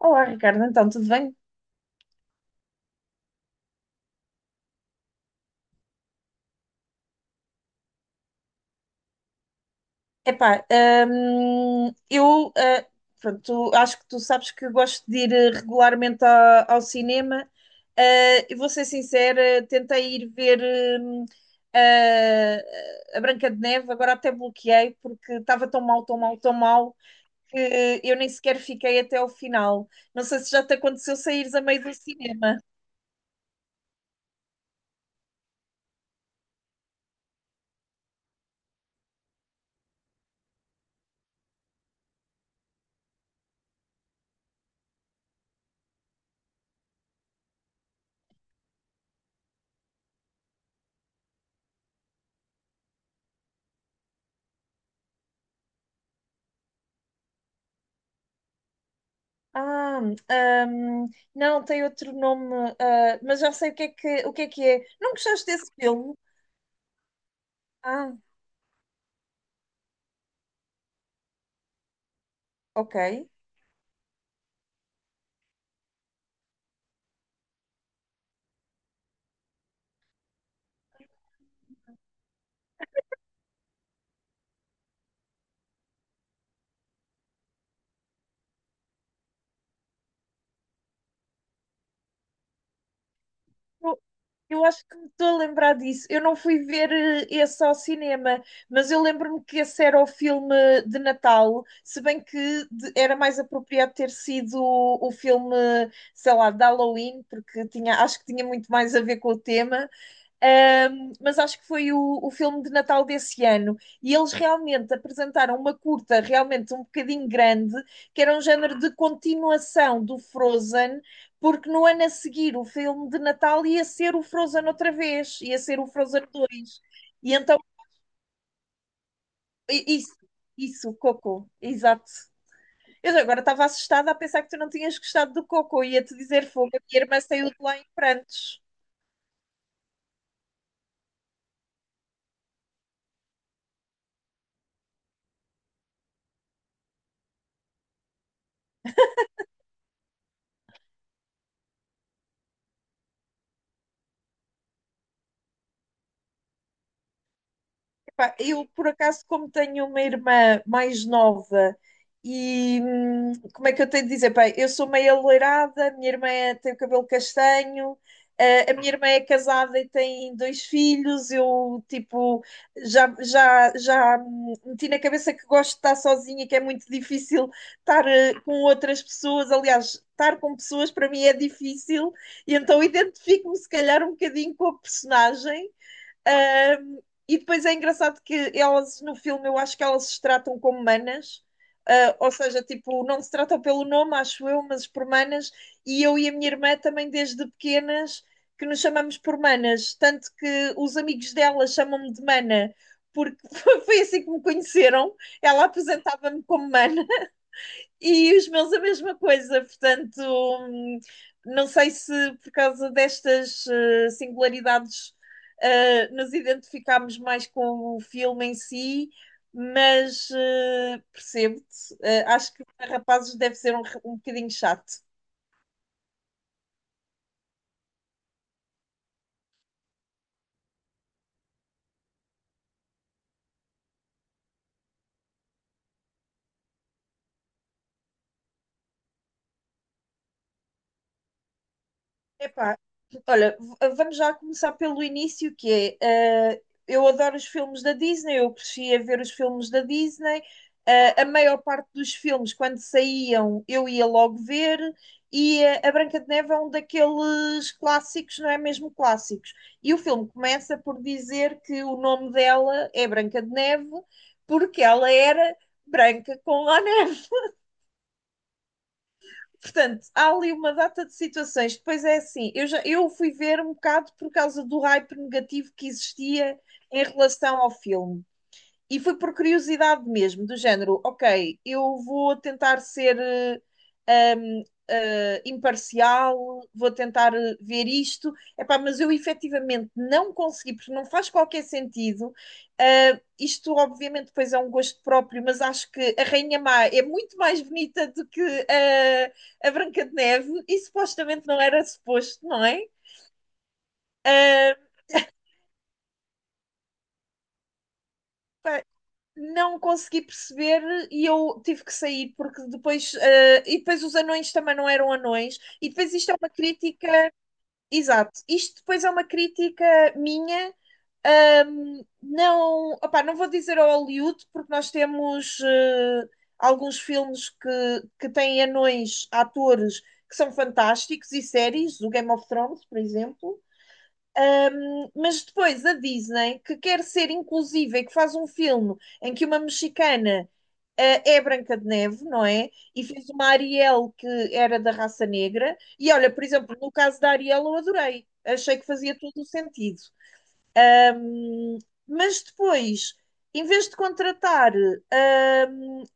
Olá, Ricardo, então, tudo bem? Epá, hum, eu ah, pronto, acho que tu sabes que gosto de ir regularmente ao cinema. E vou ser sincera, tentei ir ver hum, a Branca de Neve, agora até bloqueei porque estava tão mal, tão mal, tão mal que eu nem sequer fiquei até ao final. Não sei se já te aconteceu saíres a meio do cinema. Ah, ahm, não, tem outro nome, mas já sei o que é que, o que é que é. Não gostaste desse filme? Ah, ok. Eu, eu acho que me estou a lembrar disso. Eu não fui ver esse ao cinema, mas eu lembro-me que esse era o filme de Natal, se bem que era mais apropriado ter sido o filme, sei lá, de Halloween, porque tinha, acho que tinha muito mais a ver com o tema. Mas acho que foi o filme de Natal desse ano. E eles realmente apresentaram uma curta, realmente um bocadinho grande, que era um género de continuação do Frozen, porque no ano a seguir o filme de Natal ia ser o Frozen outra vez, ia ser o Frozen dois. E então, i- isso, isso, Coco, exato. Eu agora estava assustada a pensar que tu não tinhas gostado do Coco, ia-te dizer fogo, a minha irmã saiu de lá em prantos. Eu, por acaso, como tenho uma irmã mais nova e como é que eu tenho de dizer? Pá, eu sou meio alourada, a minha irmã tem o cabelo castanho, a minha irmã é casada e tem 2 filhos. Eu, tipo, já, já, já meti na cabeça que gosto de estar sozinha, que é muito difícil estar com outras pessoas. Aliás, estar com pessoas para mim é difícil, e então identifico-me, se calhar, um bocadinho com a personagem. Ahm, e depois é engraçado que elas no filme eu acho que elas se tratam como manas, ou seja, tipo, não se tratam pelo nome, acho eu, mas por manas, e eu e a minha irmã também desde pequenas que nos chamamos por manas, tanto que os amigos dela chamam-me de mana, porque foi assim que me conheceram, ela apresentava-me como mana. E os meus a mesma coisa, portanto, não sei se por causa destas singularidades nos identificámos mais com o filme em si, mas percebo-te. Acho que para rapazes deve ser um bocadinho chato. Epá, olha, vamos já começar pelo início, que é, eu adoro os filmes da Disney, eu cresci a ver os filmes da Disney, a maior parte dos filmes, quando saíam, eu ia logo ver, e a Branca de Neve é um daqueles clássicos, não é mesmo clássicos. E o filme começa por dizer que o nome dela é Branca de Neve, porque ela era branca com a. Portanto, há ali uma data de situações. Depois é assim, eu fui ver um bocado por causa do hype negativo que existia em relação ao filme. E foi por curiosidade mesmo, do género, ok, eu vou tentar ser imparcial, vou tentar ver isto, epá, mas eu efetivamente não consegui, porque não faz qualquer sentido. Isto, obviamente, depois é um gosto próprio, mas acho que a Rainha Má é muito mais bonita do que eh, a Branca de Neve, e supostamente não era suposto, não é? Eh, pá, não consegui perceber e eu tive que sair porque depois e depois os anões também não eram anões e depois isto é uma crítica, exato, isto depois é uma crítica minha. Não opá, não vou dizer ao Hollywood porque nós temos alguns filmes que têm anões atores que são fantásticos e séries o Game of Thrones por exemplo, mas depois a Disney, que quer ser inclusiva e que faz um filme em que uma mexicana é Branca de Neve, não é? E fez uma Ariel que era da raça negra. E olha, por exemplo, no caso da Ariel eu adorei. Achei que fazia todo o sentido. Hum, Mas depois, em vez de contratar ah,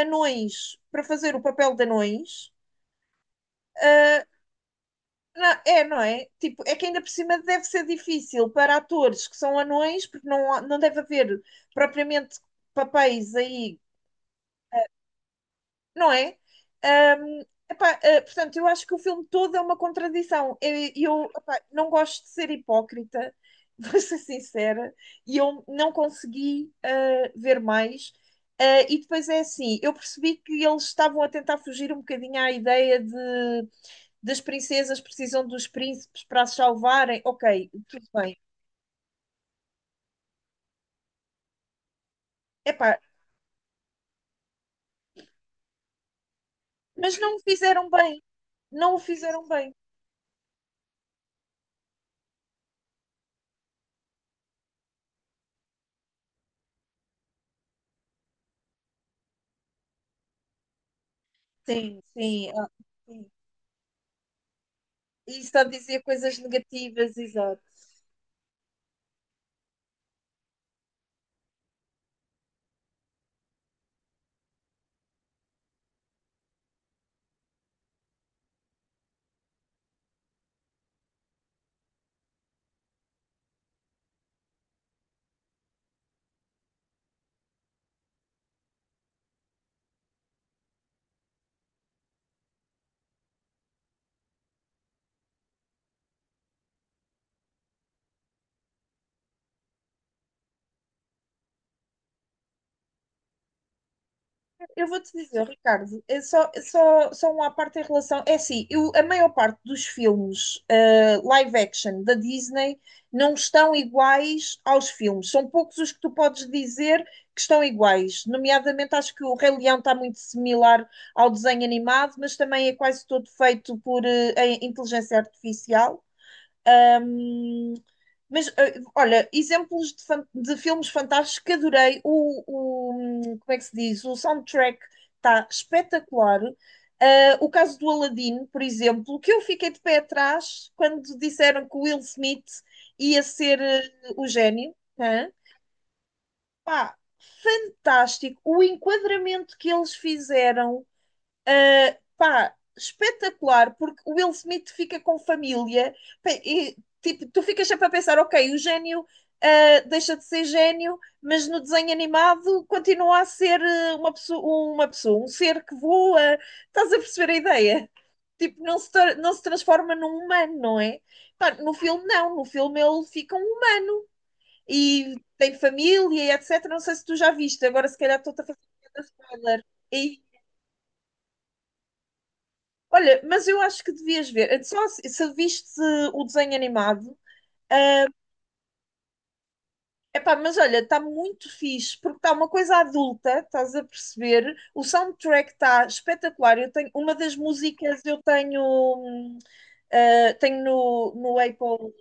anões para fazer o papel de anões, ah, não, é, não é? Tipo, é que ainda por cima deve ser difícil para atores que são anões, porque não, não deve haver propriamente papéis aí, não é? Ahm, portanto, eu acho que o filme todo é uma contradição. Não gosto de ser hipócrita, vou ser sincera, e eu não consegui ver mais. E depois é assim, eu percebi que eles estavam a tentar fugir um bocadinho à ideia de das princesas precisam dos príncipes para as salvarem. Ok, tudo bem. Epá, mas não o fizeram bem. Não o fizeram bem. Sim, sim. Sim. E está a dizer coisas negativas, exato. Eu vou-te dizer, Ricardo, é só, só uma parte em relação. É assim, eu, a maior parte dos filmes live action da Disney não estão iguais aos filmes. São poucos os que tu podes dizer que estão iguais. Nomeadamente, acho que o Rei Leão está muito similar ao desenho animado, mas também é quase todo feito por em inteligência artificial. Ahm, mas, olha, exemplos de, de filmes fantásticos que adorei. Como é que se diz? O soundtrack está espetacular. O caso do Aladdin, por exemplo, que eu fiquei de pé atrás quando disseram que o Will Smith ia ser o gênio. Hã? Pá, fantástico. O enquadramento que eles fizeram. Pá, espetacular, porque o Will Smith fica com família, pá, e tipo, tu ficas sempre a pensar, ok, o gênio deixa de ser gênio, mas no desenho animado continua a ser uma pessoa, um ser que voa. Estás a perceber a ideia? Tipo, não se, não se transforma num humano, não é? Pá, no filme, não. No filme ele fica um humano e tem família e etc. Não sei se tu já viste, agora se calhar estou-te a fazer um spoiler. Olha, mas eu acho que devias ver. Só se, se viste o desenho animado. ah, mas olha, está muito fixe, porque está uma coisa adulta, estás a perceber? O soundtrack está espetacular. Eu tenho, uma das músicas eu tenho, hum, tenho no, no Apple.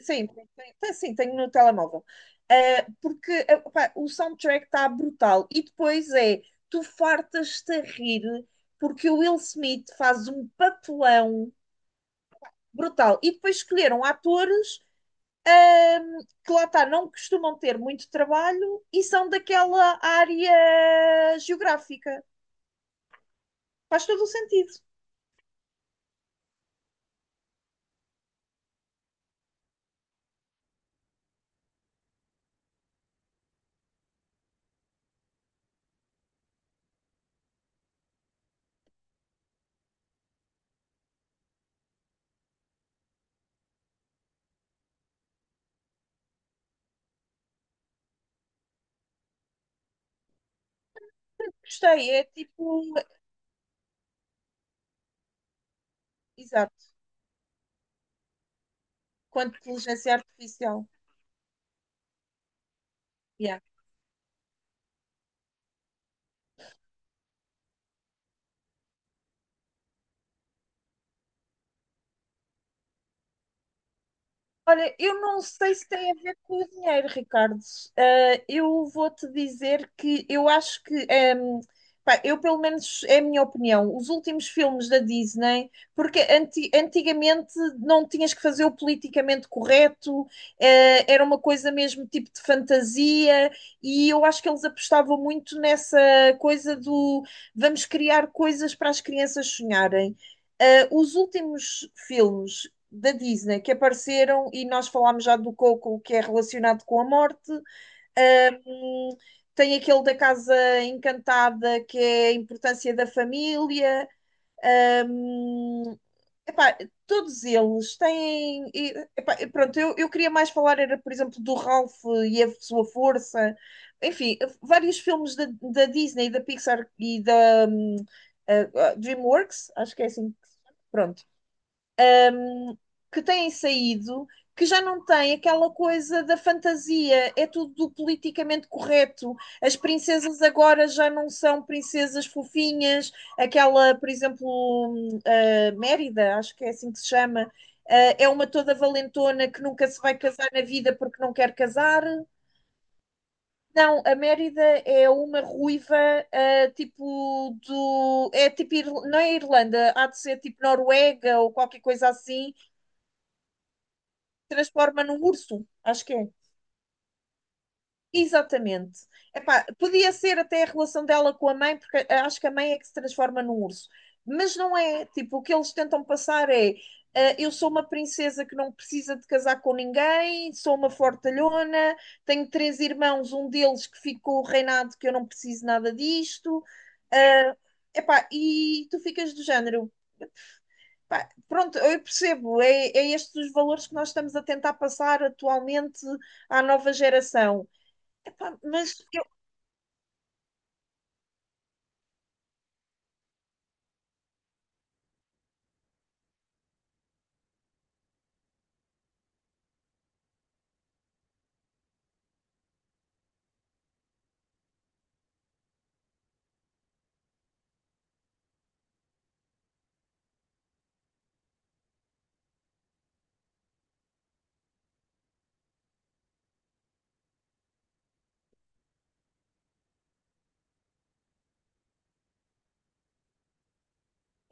Sim, tem, sim, tenho no telemóvel. Porque epá, o soundtrack está brutal. E depois é, tu fartas-te a rir, porque o Will Smith faz um papelão. Brutal. E depois escolheram atores que lá está, não costumam ter muito trabalho e são daquela área geográfica. Faz todo o sentido. Gostei, é tipo, exato, quanto inteligência artificial. Yeah. Olha, eu não sei se tem a ver com o dinheiro, Ricardo. Eu vou-te dizer que eu acho que, pá, eu pelo menos é a minha opinião, os últimos filmes da Disney, porque antigamente não tinhas que fazer o politicamente correto, era uma coisa mesmo tipo de fantasia, e eu acho que eles apostavam muito nessa coisa do vamos criar coisas para as crianças sonharem. Os últimos filmes da Disney que apareceram e nós falámos já do Coco, que é relacionado com a morte. Ahm, tem aquele da Casa Encantada, que é a importância da família. Ahm, epá, todos eles têm. E, epá, pronto, eu queria mais falar, era, por exemplo, do Ralph e a sua força. Enfim, vários filmes da, da Disney, da Pixar e da DreamWorks, acho que é assim. Pronto, que têm saído, que já não tem aquela coisa da fantasia, é tudo politicamente correto. As princesas agora já não são princesas fofinhas, aquela, por exemplo, Mérida, acho que é assim que se chama, é uma toda valentona que nunca se vai casar na vida porque não quer casar. Não, a Mérida é uma ruiva, tipo do. É tipo. Não é Irlanda, há de ser tipo Noruega ou qualquer coisa assim, transforma num urso, acho que é. Exatamente. Epá, podia ser até a relação dela com a mãe, porque acho que a mãe é que se transforma num urso. Mas não é. Tipo, o que eles tentam passar é: eu sou uma princesa que não precisa de casar com ninguém, sou uma fortalhona, tenho 3 irmãos, um deles que ficou reinado, que eu não preciso nada disto. Ah, e tu ficas do género. Pá, pronto, eu percebo, é, é estes os valores que nós estamos a tentar passar atualmente à nova geração. Epá, mas eu,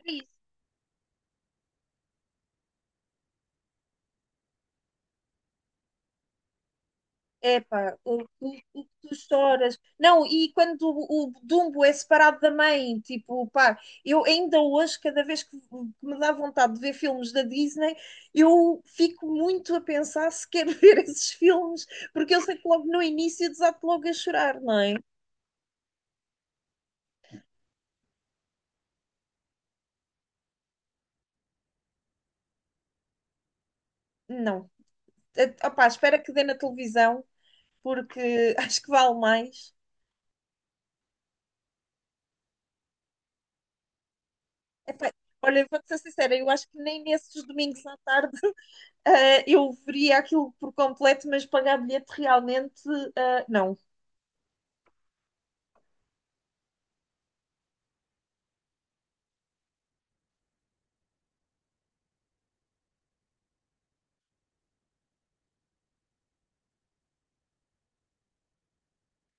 é isso. Epá, o que tu choras. Não, e quando o Dumbo é separado da mãe, tipo, pá, eu ainda hoje, cada vez que me dá vontade de ver filmes da Disney, eu fico muito a pensar se quero ver esses filmes, porque eu sei que logo no início desato logo a chorar, não é? Não. Opá, espera que dê na televisão porque acho que vale mais. Epá, olha, vou-te ser sincera, eu acho que nem nesses domingos à tarde eu veria aquilo por completo, mas pagar bilhete realmente, não.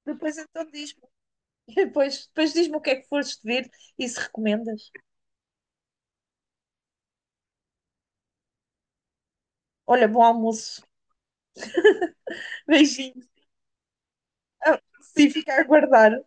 Depois então diz-me, depois, depois diz-me o que é que foste ver e se recomendas. Olha, bom almoço. Beijinhos. Ah, Se ficar a guardar.